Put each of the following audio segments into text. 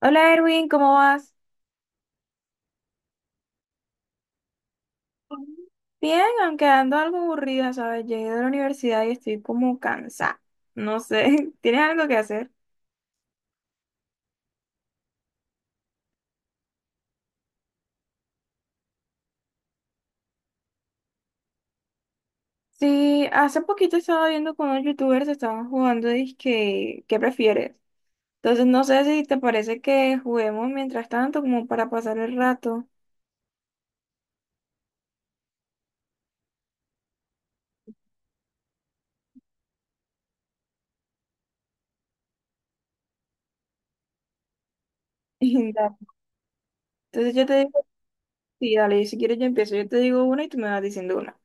Hola Erwin, ¿cómo vas? Bien, aunque ando algo aburrida, ¿sabes? Llegué de la universidad y estoy como cansada. No sé, ¿tienes algo que hacer? Sí, hace poquito estaba viendo con unos youtubers, estaban jugando disque, ¿qué prefieres? Entonces no sé si te parece que juguemos mientras tanto como para pasar el rato. Dale. Entonces yo te digo, sí, dale, y si quieres yo empiezo, yo te digo una y tú me vas diciendo una.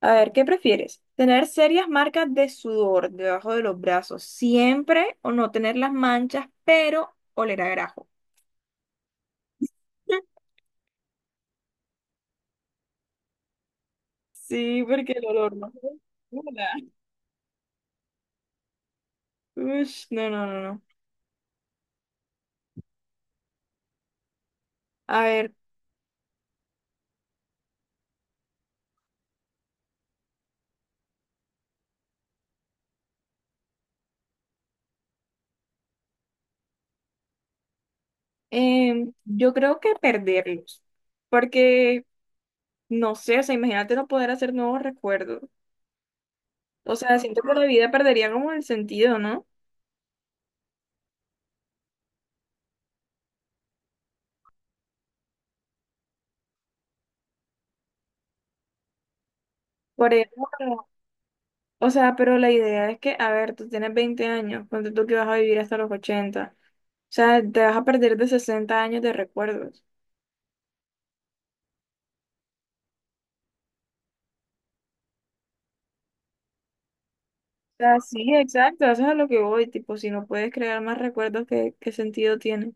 A ver, ¿qué prefieres? ¿Tener serias marcas de sudor debajo de los brazos siempre o no tener las manchas, pero oler a grajo? Sí, porque el olor no. Hola. Ush, no, no, no, no. A ver, yo creo que perderlos, porque no sé, o sea, imagínate no poder hacer nuevos recuerdos. O sea, siento que la vida perdería como el sentido, ¿no? Por ejemplo, o sea, pero la idea es que, a ver, tú tienes 20 años, ponte tú que vas a vivir hasta los 80. O sea, te vas a perder de 60 años de recuerdos. O sea, sí, exacto, eso es a lo que voy, tipo, si no puedes crear más recuerdos, ¿qué sentido tiene?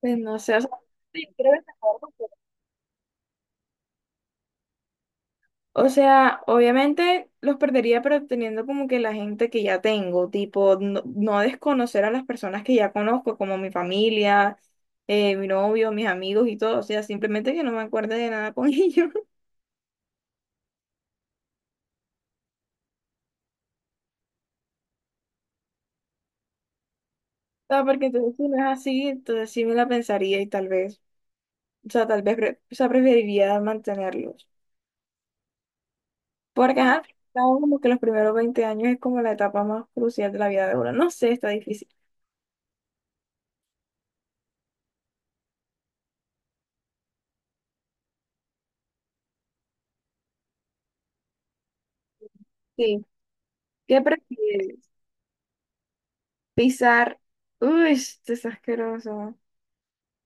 Pues no sé, o sea, sí, creo que recuerdo, o sea, obviamente los perdería, pero teniendo como que la gente que ya tengo, tipo, no, no desconocer a las personas que ya conozco, como mi familia, mi novio, mis amigos y todo, o sea, simplemente que no me acuerde de nada con ellos. O sea, porque entonces si no es así, entonces sí me la pensaría y tal vez. O sea, tal vez, o sea, preferiría mantenerlos. Porque, ajá, al fin y al cabo, como que los primeros 20 años es como la etapa más crucial de la vida de uno. No sé, está difícil. Sí. ¿Qué prefieres? Pisar. Uy, esto es asqueroso.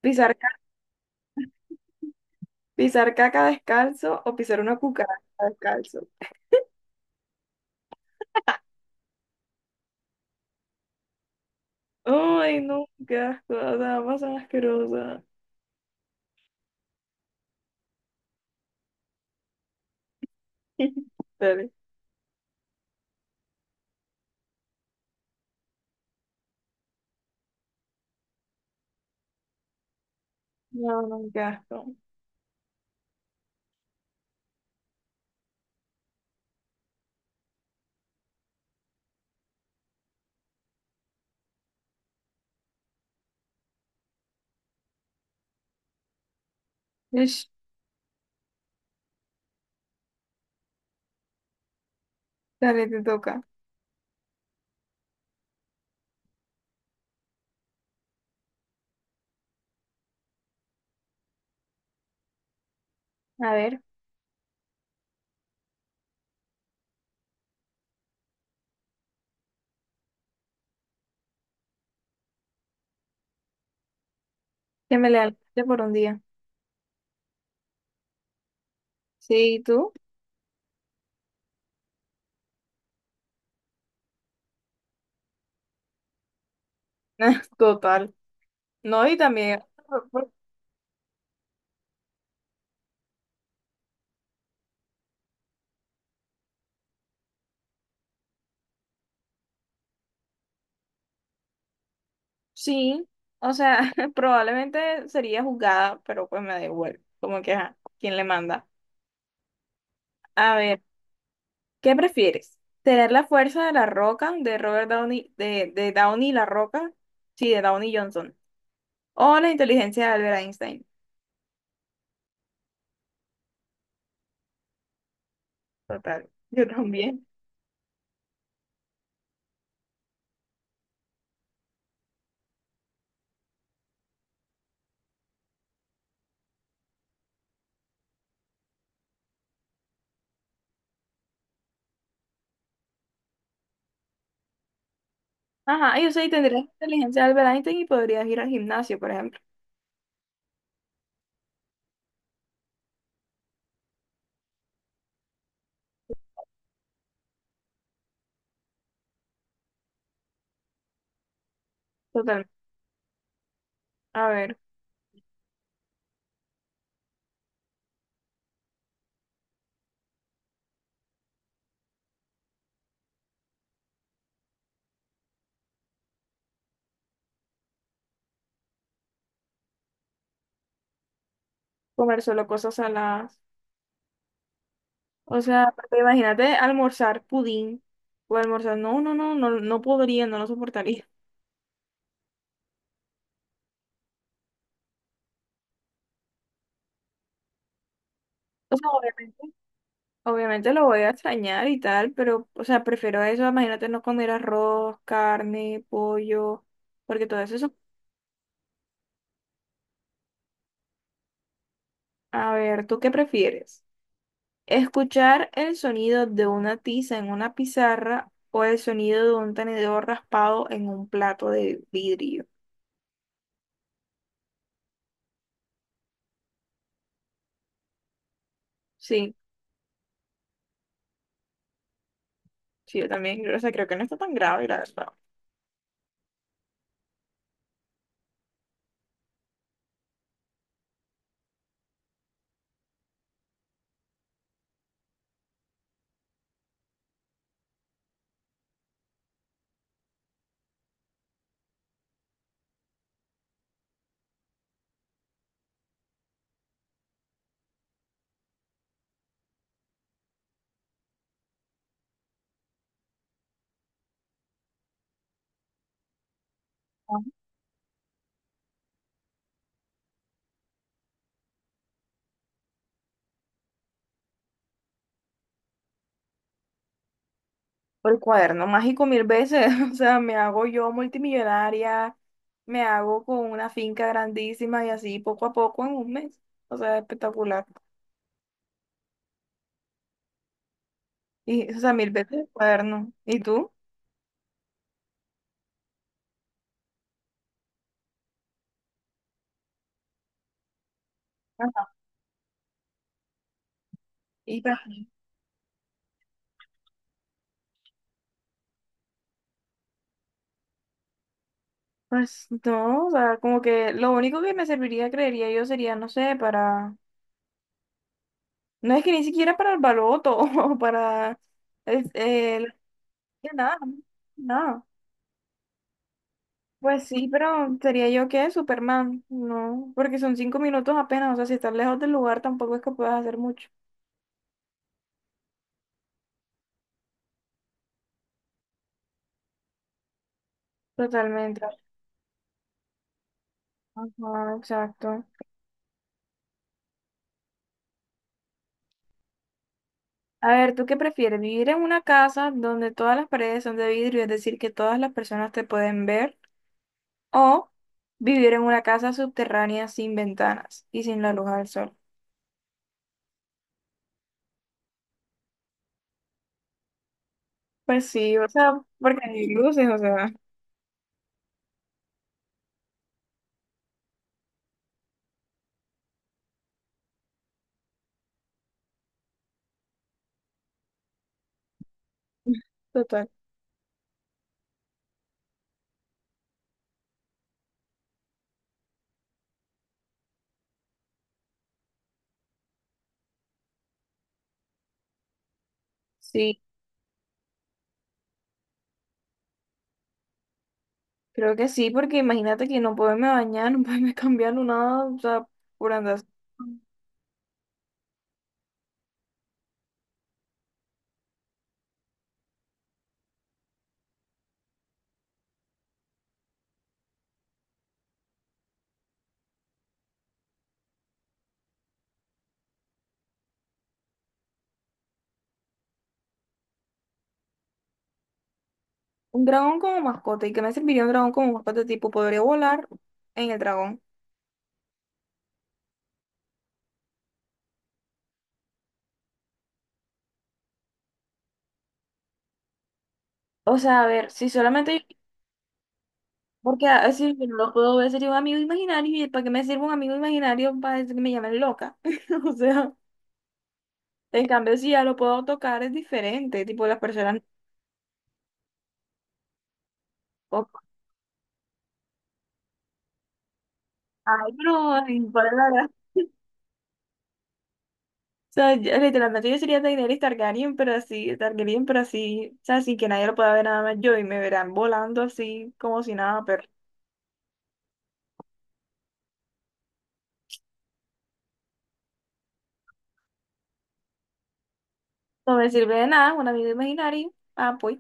Pisar, ca- pisar caca descalzo o pisar una cucaracha descalzo. Ay, no, qué asco. O sea, ambas son asquerosas. Dale. No, no, qué asco. Ush, dale, te toca. A ver, que me lea el por un día. Sí, ¿y tú? Total. No, y también, sí, o sea, probablemente sería juzgada, pero pues me da igual, como que, ajá, ¿quién le manda? A ver, ¿qué prefieres? ¿Tener la fuerza de la Roca, de Robert Downey, de Downey la Roca? Sí, de Downey Johnson. ¿O la inteligencia de Albert Einstein? Total, yo también. Ajá, yo sé, y tendrías la inteligencia de Albert Einstein y podrías ir al gimnasio, por ejemplo. Total, a ver, comer solo cosas saladas. O sea, imagínate almorzar pudín. O almorzar, no, no, no, no, no podría, no lo soportaría. O sea, obviamente, obviamente lo voy a extrañar y tal, pero, o sea, prefiero eso, imagínate no comer arroz, carne, pollo, porque todo eso. A ver, ¿tú qué prefieres? ¿Escuchar el sonido de una tiza en una pizarra o el sonido de un tenedor raspado en un plato de vidrio? Sí, sí, yo también, o sea, creo que no está tan grave, la verdad. Por el cuaderno mágico mil veces, o sea, me hago yo multimillonaria, me hago con una finca grandísima y así poco a poco en un mes, o sea, espectacular. Y, o sea, mil veces el cuaderno. ¿Y tú? Ajá. Y pa- pues no, o sea, como que lo único que me serviría, creería yo, sería, no sé, para, no es que ni siquiera para el baloto o para, es- eh, la- nada, nada. Pues sí, pero sería yo que Superman, no, porque son 5 minutos apenas, o sea, si estás lejos del lugar tampoco es que puedas hacer mucho. Totalmente. Ajá, exacto. A ver, ¿tú qué prefieres? ¿Vivir en una casa donde todas las paredes son de vidrio, es decir, que todas las personas te pueden ver? ¿O vivir en una casa subterránea sin ventanas y sin la luz del sol? Pues sí, o sea, porque hay luces, o sea, total. Sí. Creo que sí, porque imagínate que no poderme bañar, no poderme cambiar, no nada, o sea, por andar. Un dragón como mascota, ¿y qué me serviría un dragón como mascota? Tipo, podría volar en el dragón. O sea, a ver, si solamente, porque si yo no lo puedo ver, sería un amigo imaginario, ¿y para qué me sirve un amigo imaginario para decir que me llamen loca? O sea, en cambio, si ya lo puedo tocar, es diferente, tipo, las personas, o- ay, pero, ay, ¿cuál es la gracia? O sea, literalmente yo sería Daenerys Targaryen, pero así, o sea, sin que nadie lo pueda ver nada más yo y me verán volando así como si nada, pero no me sirve de nada, un amigo imaginario. Ah, pues,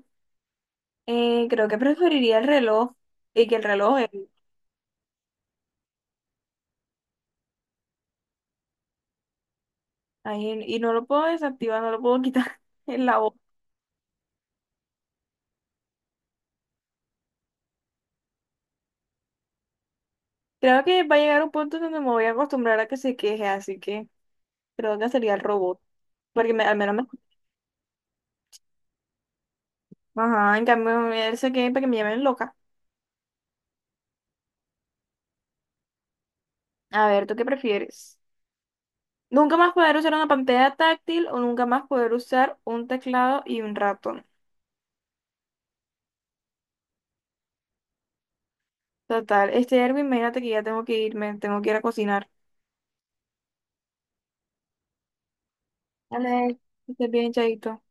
creo que preferiría el reloj y que el reloj, ahí, y no lo puedo desactivar, no lo puedo quitar en la voz. Creo que va a llegar un punto donde me voy a acostumbrar a que se queje, así que creo que sería el robot, porque al menos me... Ajá, en cambio, él se queje para que me llamen loca. A ver, ¿tú qué prefieres? Nunca más poder usar una pantalla táctil o nunca más poder usar un teclado y un ratón. Total. Este Erwin, imagínate que ya tengo que irme, tengo que ir a cocinar. Vale, que estés bien, chaito.